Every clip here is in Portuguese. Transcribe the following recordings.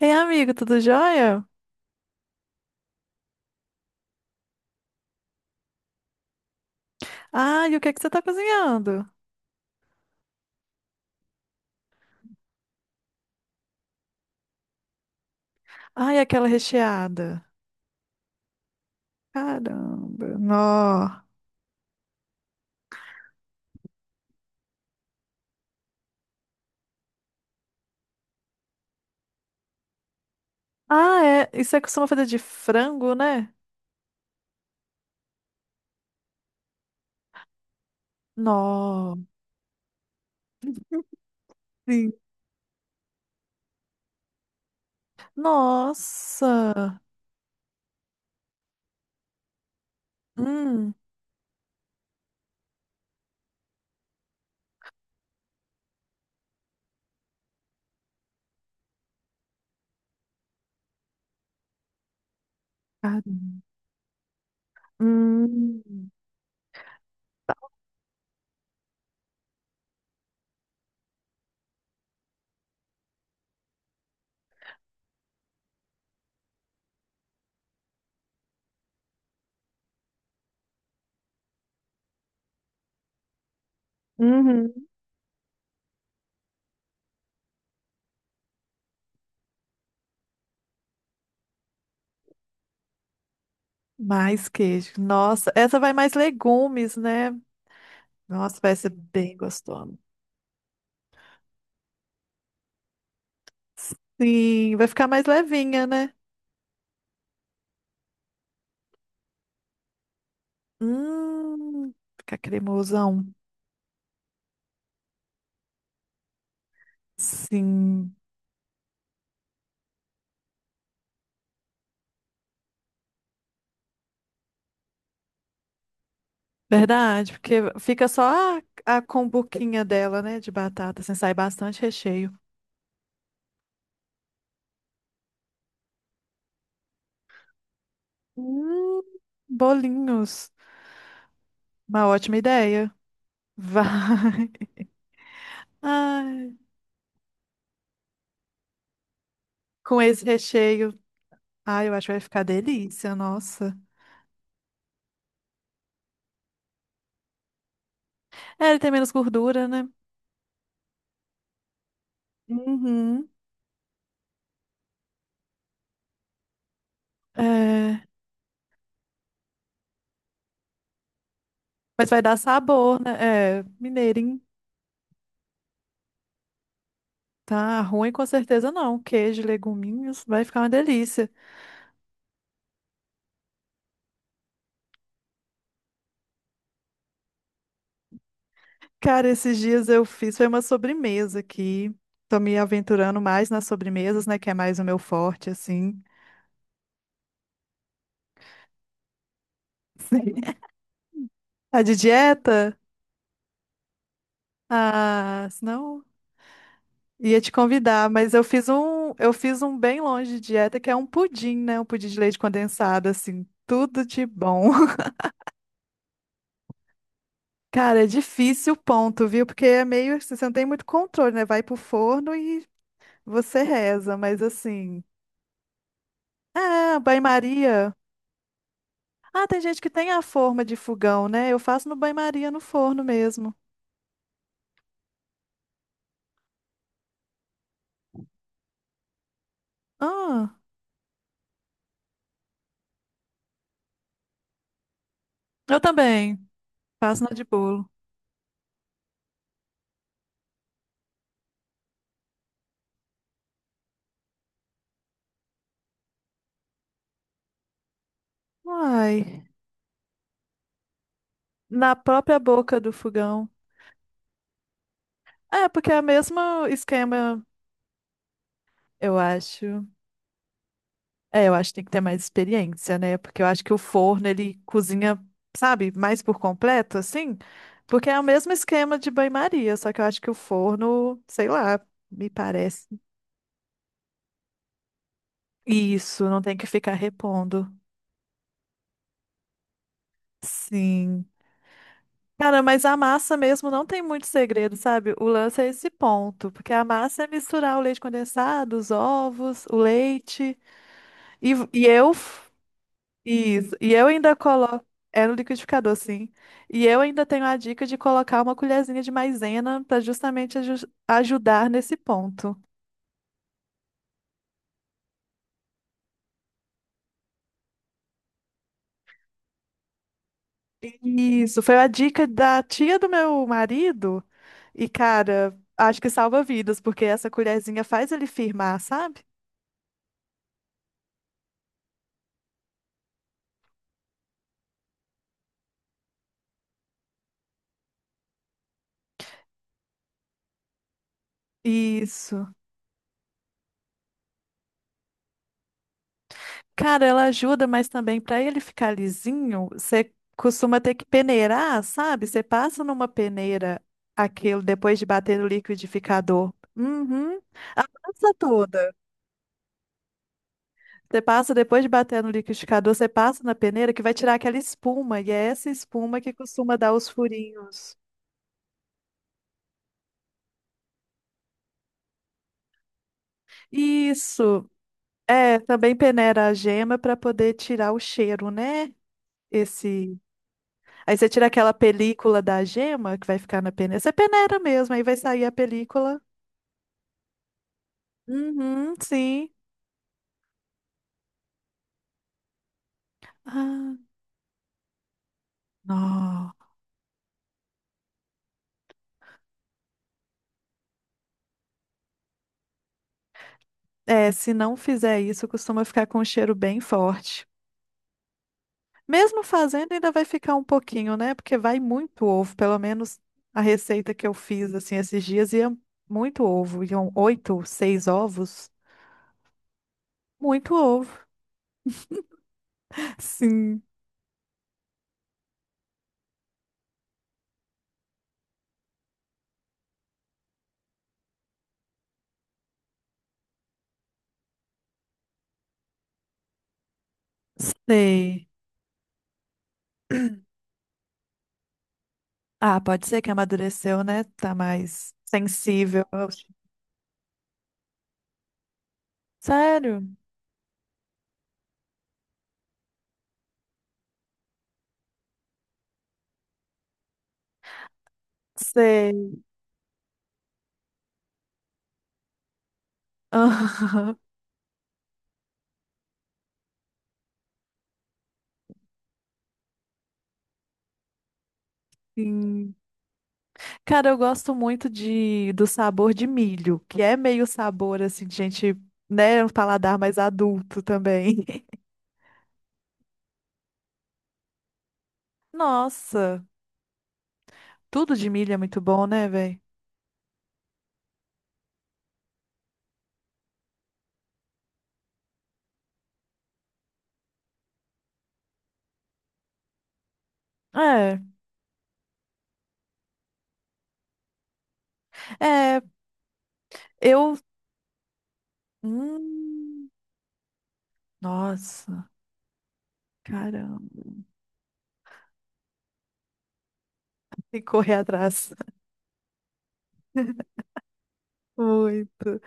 Ei, amigo, tudo jóia? Ai, o que é que você tá cozinhando? Ai, aquela recheada. Caramba, nó. Ah, é. Isso você costuma fazer de frango, né? Nó. Sim. Nossa. Hum. Caramba. Hum. Uhum. Mais queijo. Nossa, essa vai mais legumes, né? Nossa, vai ser bem gostoso. Sim, vai ficar mais levinha, né? Hum. Fica cremosão. Sim, verdade, porque fica só a combuquinha dela, né, de batata, assim, sai bastante recheio. Hum, bolinhos, uma ótima ideia. Vai. Ai, com esse recheio, ai, eu acho que vai ficar delícia, nossa. É, ele tem menos gordura, né? Uhum. É, mas vai dar sabor, né? É, mineirinho, tá ruim com certeza não. Queijo, leguminhos, vai ficar uma delícia. Cara, esses dias eu fiz foi uma sobremesa aqui. Tô me aventurando mais nas sobremesas, né? Que é mais o meu forte, assim. A de dieta? Ah, senão ia te convidar, mas eu fiz um bem longe de dieta, que é um pudim, né? Um pudim de leite condensado, assim, tudo de bom. Cara, é difícil o ponto, viu? Porque é meio, assim, você não tem muito controle, né? Vai pro forno e você reza, mas assim, ah, banho-maria. Ah, tem gente que tem a forma de fogão, né? Eu faço no banho-maria, no forno mesmo. Ah, eu também. Faço na de bolo. Uai, na própria boca do fogão. É, porque é o mesmo esquema, eu acho. É, eu acho que tem que ter mais experiência, né? Porque eu acho que o forno, ele cozinha, sabe, mais por completo, assim. Porque é o mesmo esquema de banho-maria, só que eu acho que o forno, sei lá, me parece. Isso, não tem que ficar repondo. Sim. Cara, mas a massa mesmo não tem muito segredo, sabe? O lance é esse ponto, porque a massa é misturar o leite condensado, os ovos, o leite e eu isso, e eu ainda coloco é no liquidificador, sim. E eu ainda tenho a dica de colocar uma colherzinha de maisena para justamente ajudar nesse ponto. Isso, foi a dica da tia do meu marido. E cara, acho que salva vidas, porque essa colherzinha faz ele firmar, sabe? Isso. Cara, ela ajuda, mas também para ele ficar lisinho, você costuma ter que peneirar, sabe? Você passa numa peneira aquilo depois de bater no liquidificador. Uhum. A massa toda. Você passa depois de bater no liquidificador, você passa na peneira que vai tirar aquela espuma, e é essa espuma que costuma dar os furinhos. Isso. É, também peneira a gema para poder tirar o cheiro, né? Esse Aí você tira aquela película da gema que vai ficar na peneira. Você peneira mesmo, aí vai sair a película. Uhum, sim. Ah, não. É, se não fizer isso, costuma ficar com um cheiro bem forte. Mesmo fazendo, ainda vai ficar um pouquinho, né? Porque vai muito ovo, pelo menos a receita que eu fiz assim esses dias ia muito ovo. Iam oito, seis ovos. Muito ovo. Sim, sei. Ah, pode ser que amadureceu, né? Tá mais sensível. Sério? Sei. Aham, sim. Cara, eu gosto muito de do sabor de milho, que é meio sabor assim de gente, né, um paladar mais adulto também. Nossa, tudo de milho é muito bom, né, velho? É, é, eu, hum, nossa, caramba, tem que correr atrás. Muito.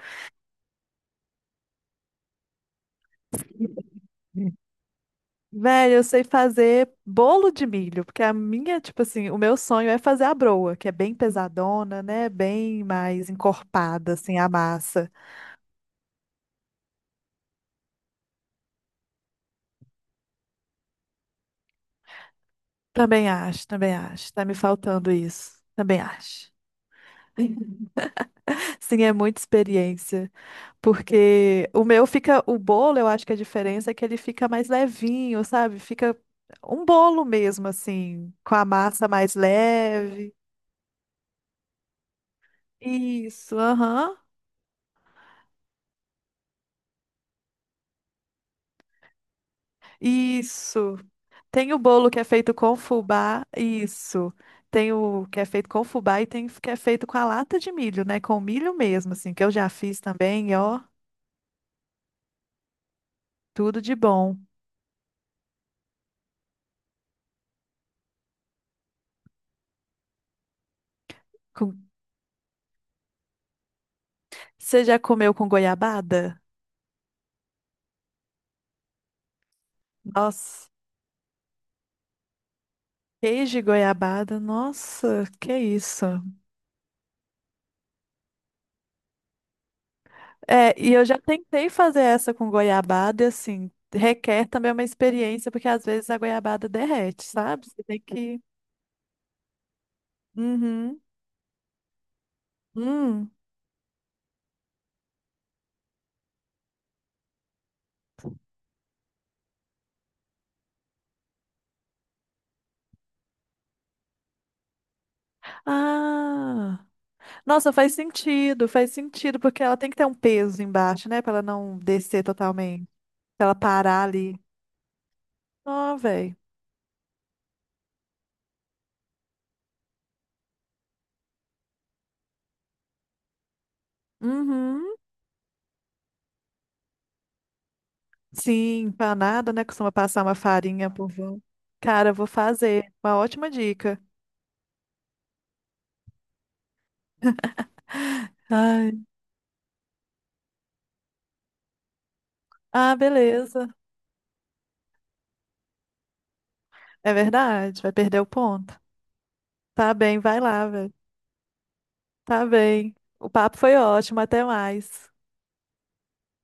Velho, eu sei fazer bolo de milho, porque a minha, tipo assim, o meu sonho é fazer a broa, que é bem pesadona, né? Bem mais encorpada, assim, a massa. Também acho, também acho. Tá me faltando isso. Também acho. Sim, é muita experiência, porque o meu fica, o bolo, eu acho que a diferença é que ele fica mais levinho, sabe? Fica um bolo mesmo, assim, com a massa mais leve. Isso, aham. Isso. Tem o bolo que é feito com fubá, isso. Tem o que é feito com fubá e tem o que é feito com a lata de milho, né? Com milho mesmo, assim, que eu já fiz também, e ó, tudo de bom. Com- Você já comeu com goiabada? Nossa, queijo de goiabada, nossa, que isso. É, e eu já tentei fazer essa com goiabada, e assim, requer também uma experiência, porque às vezes a goiabada derrete, sabe? Você tem que. Uhum. Hum. Ah. Nossa, faz sentido, porque ela tem que ter um peso embaixo, né? Pra ela não descer totalmente. Pra ela parar ali. Ó, velho. Uhum. Sim, empanada, né? Costuma passar uma farinha por volta. Cara, eu vou fazer. Uma ótima dica. Ai. Ah, beleza. É verdade, vai perder o ponto. Tá bem, vai lá, velho. Tá bem. O papo foi ótimo, até mais.